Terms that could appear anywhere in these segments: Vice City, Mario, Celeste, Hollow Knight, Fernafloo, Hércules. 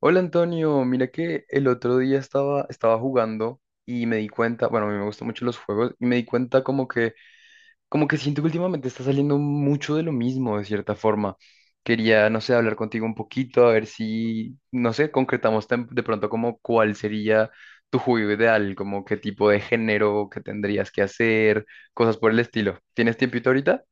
Hola Antonio, mira que el otro día estaba jugando y me di cuenta, bueno, a mí me gustan mucho los juegos y me di cuenta como que siento que últimamente está saliendo mucho de lo mismo de cierta forma. Quería, no sé, hablar contigo un poquito, a ver si, no sé, de pronto como cuál sería tu juego ideal, como qué tipo de género que tendrías que hacer, cosas por el estilo. ¿Tienes tiempito ahorita?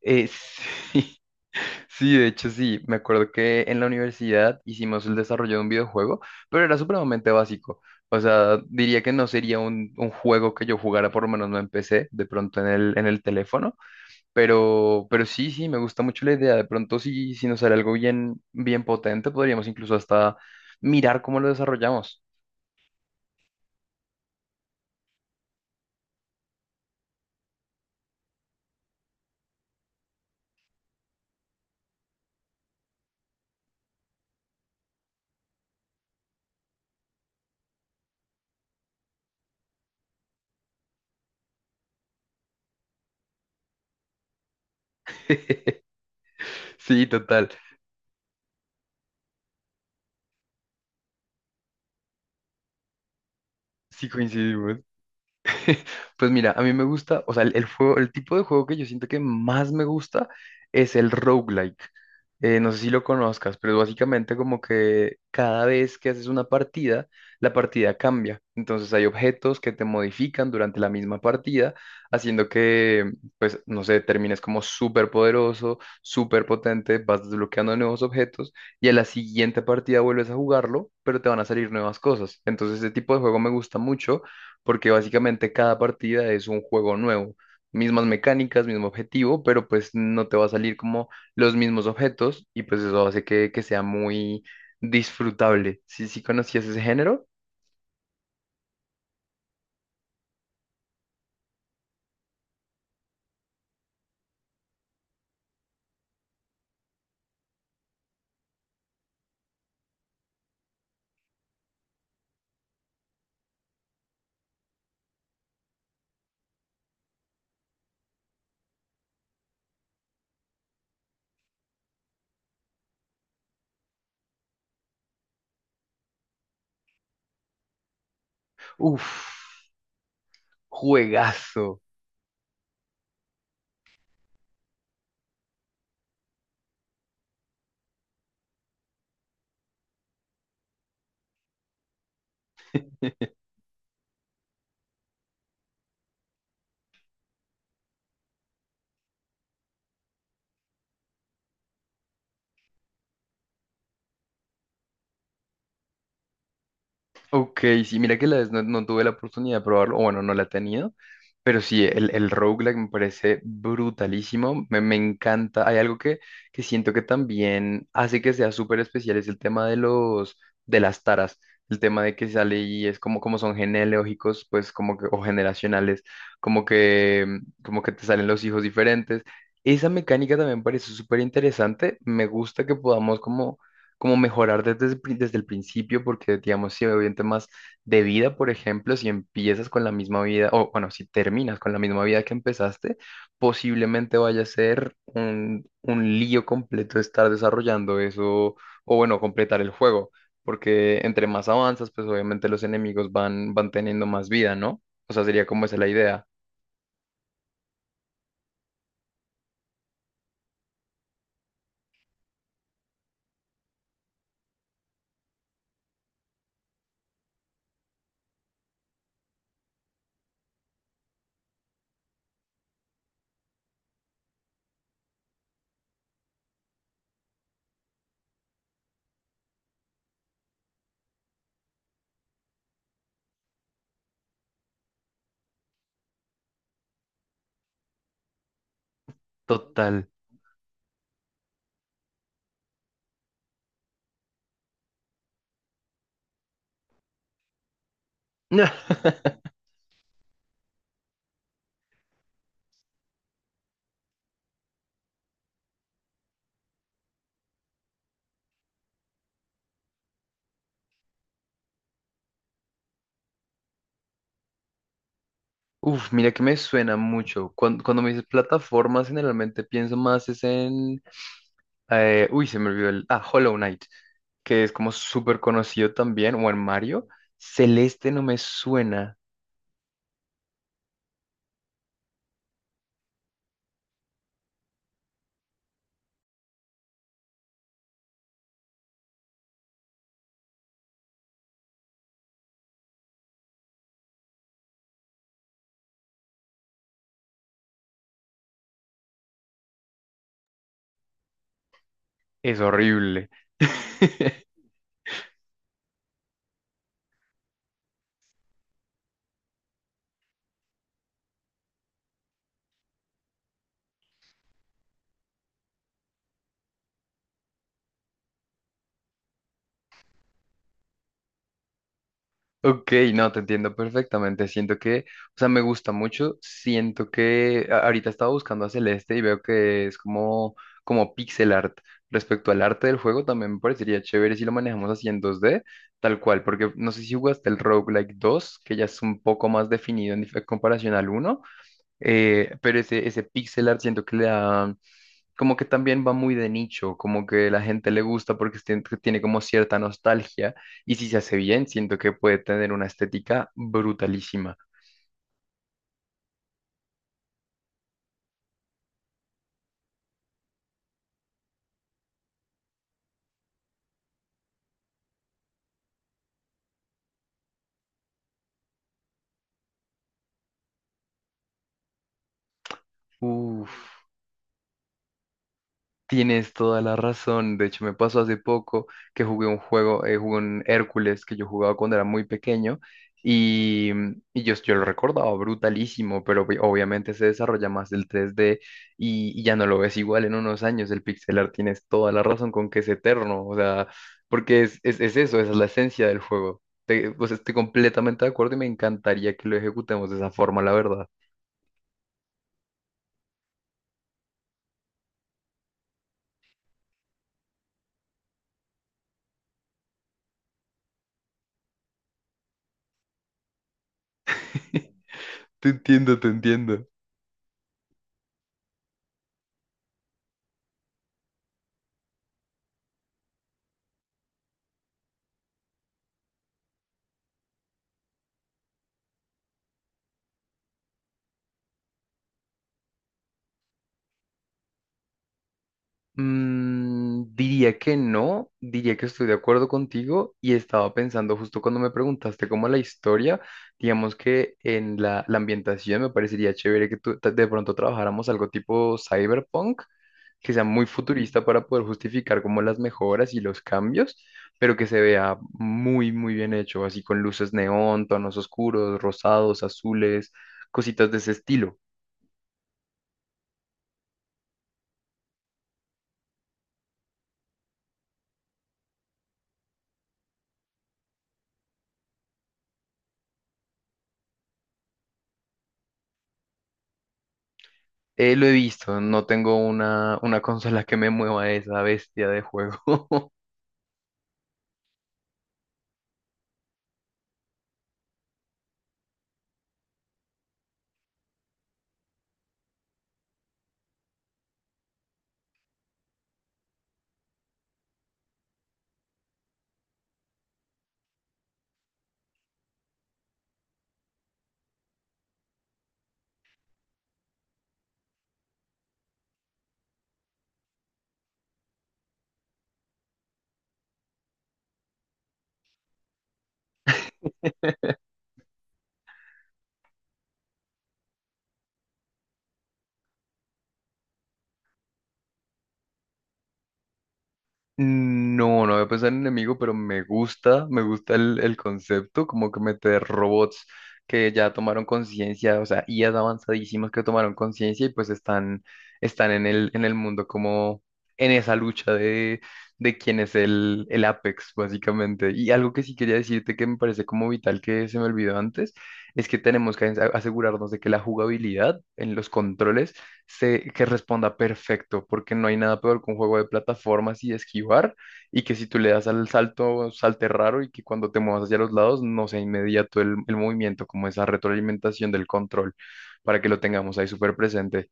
Eh, sí, sí, de hecho sí, me acuerdo que en la universidad hicimos el desarrollo de un videojuego, pero era supremamente básico. O sea, diría que no sería un juego que yo jugara, por lo menos no empecé, de pronto en el teléfono, pero sí, sí, me gusta mucho la idea. De pronto si, si nos sale algo bien, bien potente, podríamos incluso hasta mirar cómo lo desarrollamos. Sí, total, sí coincidimos. Pues mira, a mí me gusta, o sea, el juego, el tipo de juego que yo siento que más me gusta es el roguelike. No sé si lo conozcas, pero es básicamente como que cada vez que haces una partida, la partida cambia. Entonces hay objetos que te modifican durante la misma partida, haciendo que, pues, no sé, termines como súper poderoso, súper potente, vas desbloqueando nuevos objetos y a la siguiente partida vuelves a jugarlo, pero te van a salir nuevas cosas. Entonces ese tipo de juego me gusta mucho porque básicamente cada partida es un juego nuevo, mismas mecánicas, mismo objetivo, pero pues no te va a salir como los mismos objetos y pues eso hace que sea muy disfrutable. Si, si conocías ese género, uff, juegazo. Ok, sí, mira que la vez no, no tuve la oportunidad de probarlo, o bueno, no la he tenido, pero sí, el roguelike me parece brutalísimo, me encanta. Hay algo que siento que también hace que sea súper especial, es el tema de los, de las taras, el tema de que sale y es como, como son genealógicos, pues como que, o generacionales, como que te salen los hijos diferentes. Esa mecánica también me parece súper interesante, me gusta que podamos como mejorar desde, desde el principio, porque digamos, si en temas de vida, por ejemplo, si empiezas con la misma vida, o bueno, si terminas con la misma vida que empezaste, posiblemente vaya a ser un lío completo estar desarrollando eso, o bueno, completar el juego, porque entre más avanzas, pues obviamente los enemigos van, van teniendo más vida, ¿no? O sea, sería como esa la idea. Total. Uf, mira que me suena mucho. Cuando, cuando me dices plataformas, generalmente pienso más es en se me olvidó el... Ah, Hollow Knight, que es como súper conocido también, o en Mario. Celeste no me suena, es horrible. Ok, no, te entiendo perfectamente. Siento que, o sea, me gusta mucho. Siento que ahorita estaba buscando a Celeste y veo que es como, como pixel art. Respecto al arte del juego, también me parecería chévere si lo manejamos así en dos d tal cual, porque no sé si jugaste el Roguelike 2, que ya es un poco más definido en comparación al uno. Pero ese, ese pixel art siento que le da, como que también va muy de nicho, como que la gente le gusta porque que tiene como cierta nostalgia y si se hace bien, siento que puede tener una estética brutalísima. Uf. Tienes toda la razón. De hecho, me pasó hace poco que jugué un juego, jugué un Hércules que yo jugaba cuando era muy pequeño y, y yo lo recordaba brutalísimo, pero obviamente se desarrolla más el 3D y ya no lo ves igual en unos años. El pixel art tienes toda la razón con que es eterno, o sea, porque es eso, esa es la esencia del juego. Pues estoy completamente de acuerdo y me encantaría que lo ejecutemos de esa forma, la verdad. Te entiendo, te entiendo. Mm, diría que no, diría que estoy de acuerdo contigo y estaba pensando justo cuando me preguntaste como la historia, digamos que en la, la ambientación me parecería chévere que tú, de pronto trabajáramos algo tipo cyberpunk, que sea muy futurista para poder justificar como las mejoras y los cambios, pero que se vea muy, muy bien hecho, así con luces neón, tonos oscuros, rosados, azules, cositas de ese estilo. Lo he visto, no tengo una consola que me mueva esa bestia de juego. No, no voy a pensar en enemigo, pero me gusta el concepto, como que meter robots que ya tomaron conciencia, o sea, IAs avanzadísimas que tomaron conciencia y pues están, están en el mundo como en esa lucha de quién es el Apex, básicamente. Y algo que sí quería decirte que me parece como vital que se me olvidó antes, es que tenemos que asegurarnos de que la jugabilidad en los controles se, que responda perfecto, porque no hay nada peor que un juego de plataformas y esquivar, y que si tú le das al salto, salte raro y que cuando te muevas hacia los lados no sea inmediato el movimiento, como esa retroalimentación del control, para que lo tengamos ahí súper presente.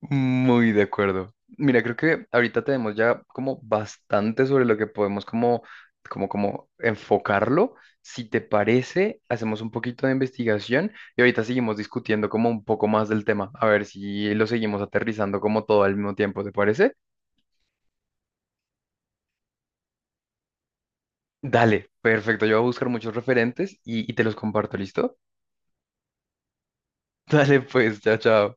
Muy de acuerdo. Mira, creo que ahorita tenemos ya como bastante sobre lo que podemos como enfocarlo. Si te parece, hacemos un poquito de investigación y ahorita seguimos discutiendo como un poco más del tema, a ver si lo seguimos aterrizando como todo al mismo tiempo, ¿te parece? Dale, perfecto. Yo voy a buscar muchos referentes y te los comparto, ¿listo? Dale, pues, chao, chao.